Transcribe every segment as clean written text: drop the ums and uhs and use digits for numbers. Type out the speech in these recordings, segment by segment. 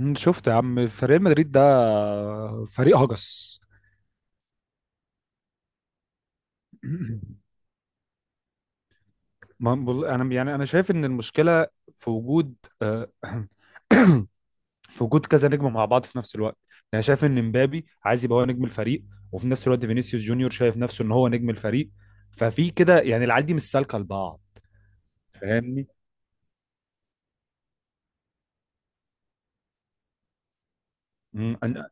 شفت يا عم فريق مدريد ده فريق هجس. انا يعني انا شايف ان المشكله في وجود آه، في وجود كذا نجم مع بعض في نفس الوقت. يعني انا شايف ان مبابي عايز يبقى هو نجم الفريق، وفي نفس الوقت فينيسيوس جونيور شايف نفسه ان هو نجم الفريق، ففي كده يعني العيال دي مش سالكه لبعض. فاهمني. مم، أن-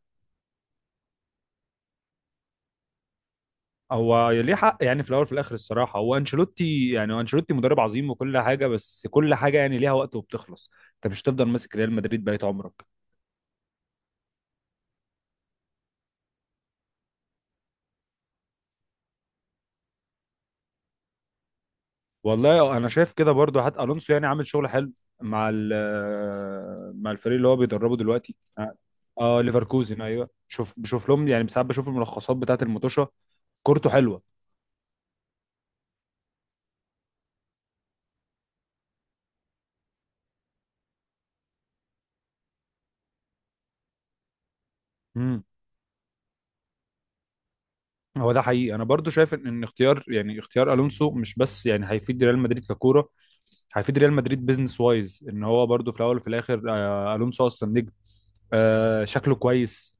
هو ليه حق، يعني في الاول وفي الاخر الصراحه هو انشيلوتي، يعني هو انشيلوتي مدرب عظيم وكل حاجه، بس كل حاجه يعني ليها وقت وبتخلص. انت مش هتفضل ماسك ريال مدريد بقيت عمرك. والله انا شايف كده برضو. حتى الونسو يعني عامل شغل حلو مع مع الفريق اللي هو بيدربه دلوقتي، اه. آه، ليفركوزن، ايوه. شوف، بشوف لهم يعني ساعات، بشوف الملخصات بتاعه المطوشه. كورته حلوه. امم. هو ده حقيقي، انا برضو شايف ان اختيار، يعني اختيار الونسو مش بس يعني هيفيد ريال مدريد ككوره، هيفيد ريال مدريد بيزنس وايز. ان هو برضو في الاول وفي الاخر آه الونسو اصلا نجم، آه شكله كويس.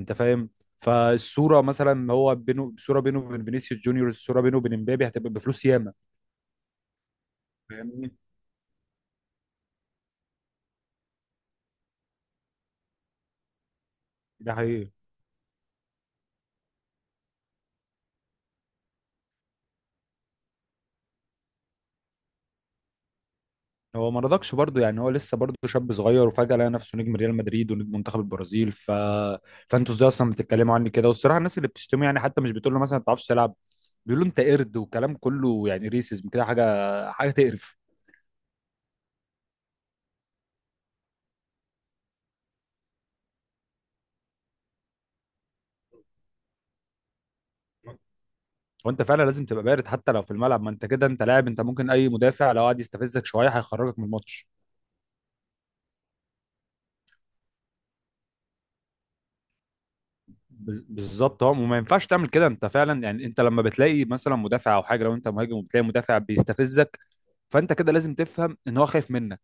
انت فاهم؟ فالصوره مثلا هو بينه، صوره بينه وبين فينيسيوس جونيور، الصوره بينه وبين امبابي هتبقى بفلوس ياما. فاهمني. ده حقيقي. هو ما رضاكش برضه، يعني هو لسه برضه شاب صغير وفجأة لقى نفسه نجم ريال مدريد ونجم منتخب البرازيل، ف فانتوا ازاي اصلا بتتكلموا عني كده؟ والصراحه الناس اللي بتشتمه يعني حتى مش بتقول له مثلا ما تعرفش تلعب، بيقولوا انت قرد وكلام كله يعني ريسيزم كده، حاجه حاجه تقرف. وانت فعلا لازم تبقى بارد حتى لو في الملعب، ما انت كده انت لاعب، انت ممكن اي مدافع لو قعد يستفزك شويه هيخرجك من الماتش. بالظبط، اه. وما ينفعش تعمل كده، انت فعلا يعني انت لما بتلاقي مثلا مدافع او حاجه، لو انت مهاجم وبتلاقي مدافع بيستفزك، فانت كده لازم تفهم ان هو خايف منك،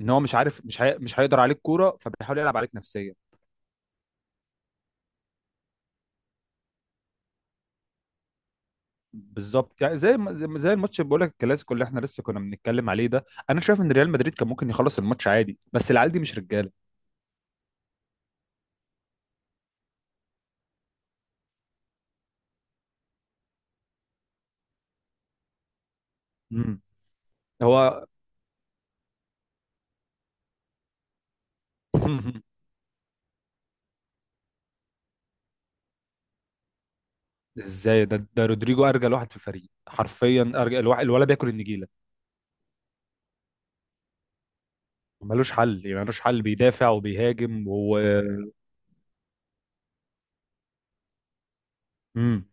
ان هو مش عارف، مش هيقدر عليك كوره، فبيحاول يلعب عليك نفسيا. بالظبط. يعني زي ما- زي ما- زي الماتش اللي بقول لك، الكلاسيكو اللي احنا لسه كنا بنتكلم عليه ده، انا شايف ان ريال مدريد كان ممكن يخلص الماتش عادي، بس العيال دي مش رجاله. امم. هو ازاي ده؟ رودريجو ارجل واحد في الفريق حرفيا، ارجل الواحد الولا بياكل النجيله. ملوش حل، ملوش حل، بيدافع وبيهاجم و امم.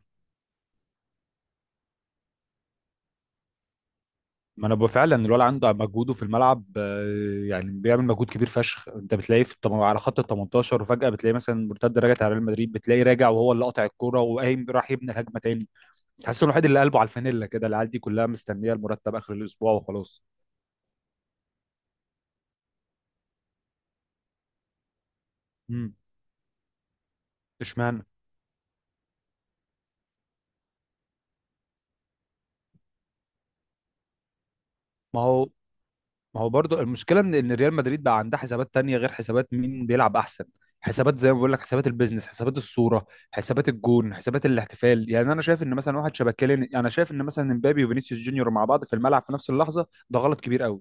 ما انا بقى فعلا الولد عنده مجهوده في الملعب، يعني بيعمل مجهود كبير فشخ. انت بتلاقيه في على خط ال 18، وفجأة بتلاقيه مثلا مرتد رجعت على ريال مدريد، بتلاقيه راجع وهو اللي قاطع الكوره وقايم راح يبني الهجمه تاني. تحس انه الوحيد اللي قلبه على الفانيلا كده، العيال دي كلها مستنيه المرتب اخر الاسبوع وخلاص. امم. اشمعنى؟ ما هو ما هو برضو المشكله ان ريال مدريد بقى عندها حسابات تانية غير حسابات مين بيلعب احسن. حسابات زي ما بقول لك، حسابات البيزنس، حسابات الصوره، حسابات الجون، حسابات الاحتفال. يعني انا شايف ان مثلا واحد شبه كيليان، يعني انا شايف ان مثلا امبابي وفينيسيوس جونيور مع بعض في الملعب في نفس اللحظه ده غلط كبير قوي.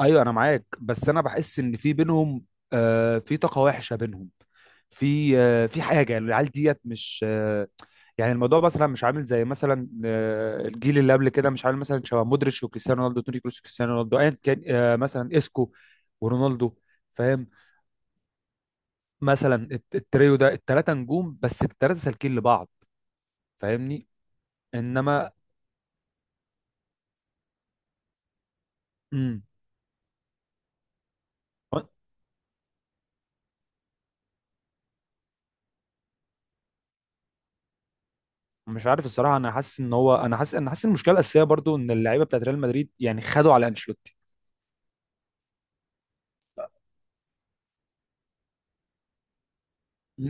ايوه انا معاك، بس انا بحس ان في بينهم في طاقه وحشه بينهم، في في حاجه، يعني العيال ديت مش يعني الموضوع مثلا مش عامل زي مثلا الجيل اللي قبل كده، مش عامل مثلا شبه مودريتش وكريستيانو رونالدو، توني كروس وكريستيانو رونالدو، ايا كان مثلا اسكو ورونالدو. فاهم؟ مثلا التريو ده، التلاته نجوم بس التلاته سالكين لبعض. فاهمني. انما امم. مش عارف الصراحه، انا حاسس ان هو، انا حاسس إن المشكله الاساسيه برضو ان اللعيبه بتاعت ريال مدريد يعني خدوا على انشيلوتي.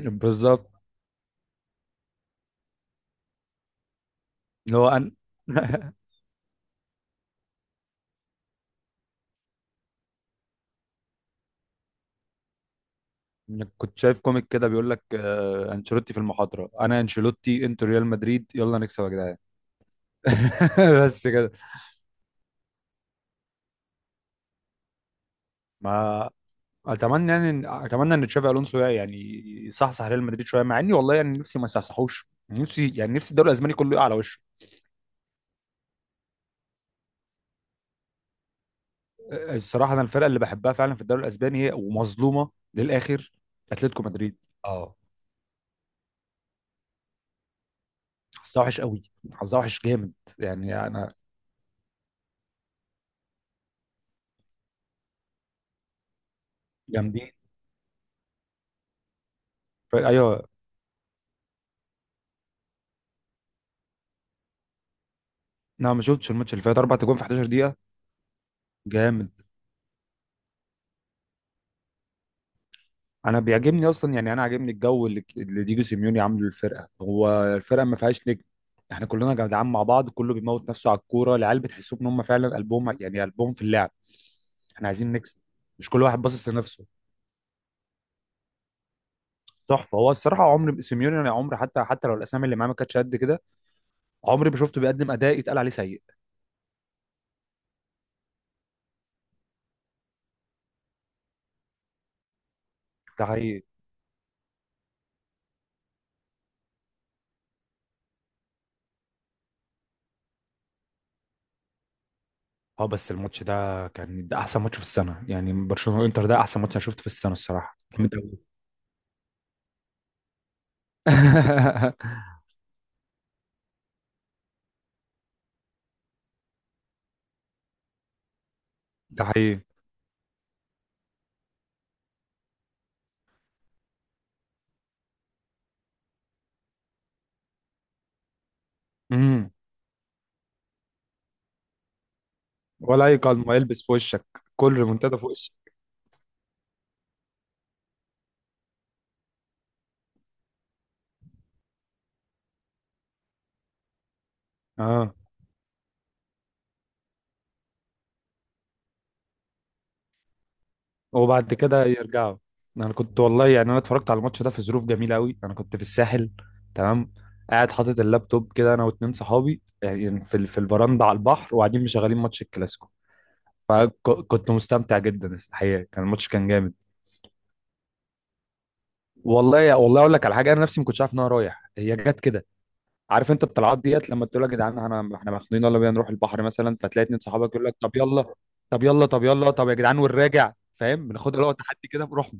بالظبط. اللي هو انا كنت شايف كوميك كده بيقول لك انشيلوتي في المحاضره، انا انشيلوتي، انتوا ريال مدريد، يلا نكسب يا جدعان. بس كده. ما اتمنى يعني اتمنى ان تشافي الونسو يعني يصحصح ريال مدريد شويه، مع اني والله يعني نفسي ما يصحصحوش، نفسي يعني نفسي الدوري الاسباني كله يقع على وشه. آه، الصراحه انا الفرقه اللي بحبها فعلا في الدوري الاسباني هي ومظلومه للاخر، اتلتيكو مدريد، اه. حظها وحش قوي، حظها وحش جامد. يعني انا جامدين. ايوه. لا ما شفتش الماتش اللي فات، اربع تجوان في 11 دقيقه. جامد. انا بيعجبني اصلا، يعني انا عاجبني الجو اللي اللي ديجو سيميوني عامله للفرقه. هو الفرقه ما فيهاش نجم، احنا كلنا جدعان مع بعض، كله بيموت نفسه على الكوره، العيال بتحسوا ان هم فعلا قلبهم يعني قلبهم في اللعب. احنا عايزين نكسب، مش كل واحد باصص لنفسه. تحفه هو الصراحه عمري سيميوني، انا عمري حتى حتى لو الاسامي اللي معاه ما كانتش قد كده، عمري ما شفته بيقدم اداء يتقال عليه سيء. ده حقيقي. اه، بس الماتش ده كان، ده احسن ماتش في السنه. يعني برشلونه وانتر، ده احسن ماتش انا شفته في السنه الصراحه، جامد أوي. ده حقيقي. امم. ولا اي قلم يلبس في وشك، كل ريمونتادا في وشك. اه. وبعد كده يرجعوا. انا كنت والله، يعني انا اتفرجت على الماتش ده في ظروف جميله قوي. انا كنت في الساحل، تمام؟ قاعد حاطط اللابتوب كده انا واتنين صحابي، يعني في في الفرندا على البحر، وقاعدين مشغلين ماتش الكلاسيكو. فكنت مستمتع جدا الحقيقه، كان الماتش كان جامد. والله والله اقول لك على حاجه، انا نفسي ما كنتش عارف ان انا رايح، هي جت كده. عارف انت الطلعات ديت لما تقول يا جدعان، انا احنا مخنوقين يلا بينا نروح البحر مثلا، فتلاقي اتنين صحابك يقول لك طب يلا، طب يا جدعان، والراجع. فاهم، بناخد اللي هو تحدي كده بروحنا.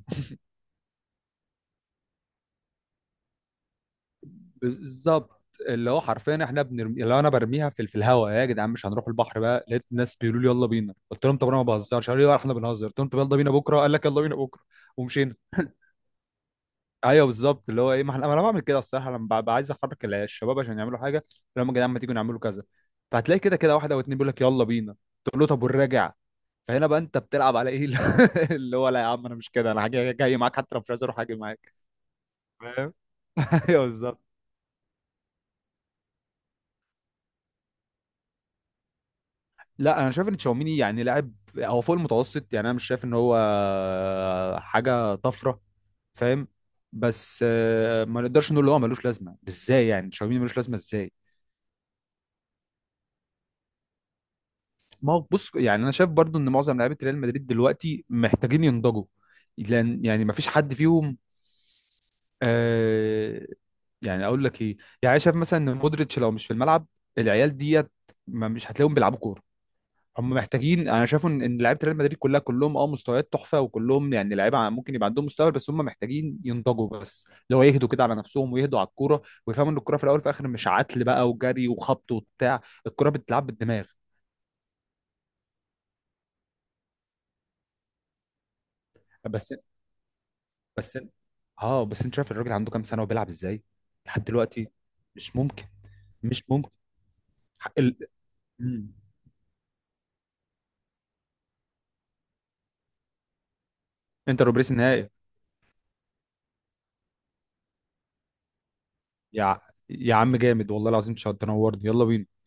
بالظبط. اللي هو حرفيا احنا بنرمي، اللي هو انا برميها في الهواء، يا جدعان مش هنروح البحر بقى، لقيت الناس بيقولوا لي يلا بينا. قلت لهم طب انا ما بهزرش، قالوا لي لا، احنا بنهزر. قلت لهم طب يلا بينا بكره، قال لك يلا بينا بكره. ومشينا. ايوه بالظبط، اللي هو ايه، ما ما انا بعمل كده الصراحه لما ببقى عايز احرك الشباب عشان يعملوا حاجه، لما يا جدعان ما تيجوا نعملوا كذا. فهتلاقي كده كده واحد او اتنين بيقول لك يلا بينا، تقول له طب والراجع. فهنا بقى انت بتلعب على ايه؟ اللي هو لا يا عم انا مش كده، انا حاجه جاي معاك حتى لو مش عايز اروح هاجي معاك. فاهم. ايوه بالظبط. لا، انا شايف ان تشاوميني يعني لاعب، هو فوق المتوسط، يعني انا مش شايف ان هو حاجه طفره. فاهم؟ بس ما نقدرش نقول ان هو ملوش لازمه، ازاي يعني تشاوميني ملوش لازمه ازاي؟ ما هو بص، يعني انا شايف برضو ان معظم لعيبه ريال مدريد دلوقتي محتاجين ينضجوا، لان يعني ما فيش حد فيهم آه يعني اقول لك ايه، يعني أنا شايف مثلا ان مودريتش لو مش في الملعب العيال ديت، ما مش هتلاقيهم بيلعبوا كوره. هم محتاجين، انا شايف ان لعيبه ريال مدريد كلها، كلهم اه مستويات تحفه، وكلهم يعني لعيبه ممكن يبقى عندهم مستوى، بس هم محتاجين ينضجوا، بس لو يهدوا كده على نفسهم ويهدوا على الكوره، ويفهموا ان الكوره في الاول وفي الاخر مش عتل بقى وجري وخبط وبتاع، الكوره بتتلعب بالدماغ. بس بس اه، بس انت شايف الراجل عنده كام سنه وبيلعب ازاي لحد دلوقتي؟ مش ممكن، مش ممكن. حق ال... مم. انتر وبريس النهائي. يا ع- يا عم جامد، والله العظيم تشرف تنورني، يلا بينا.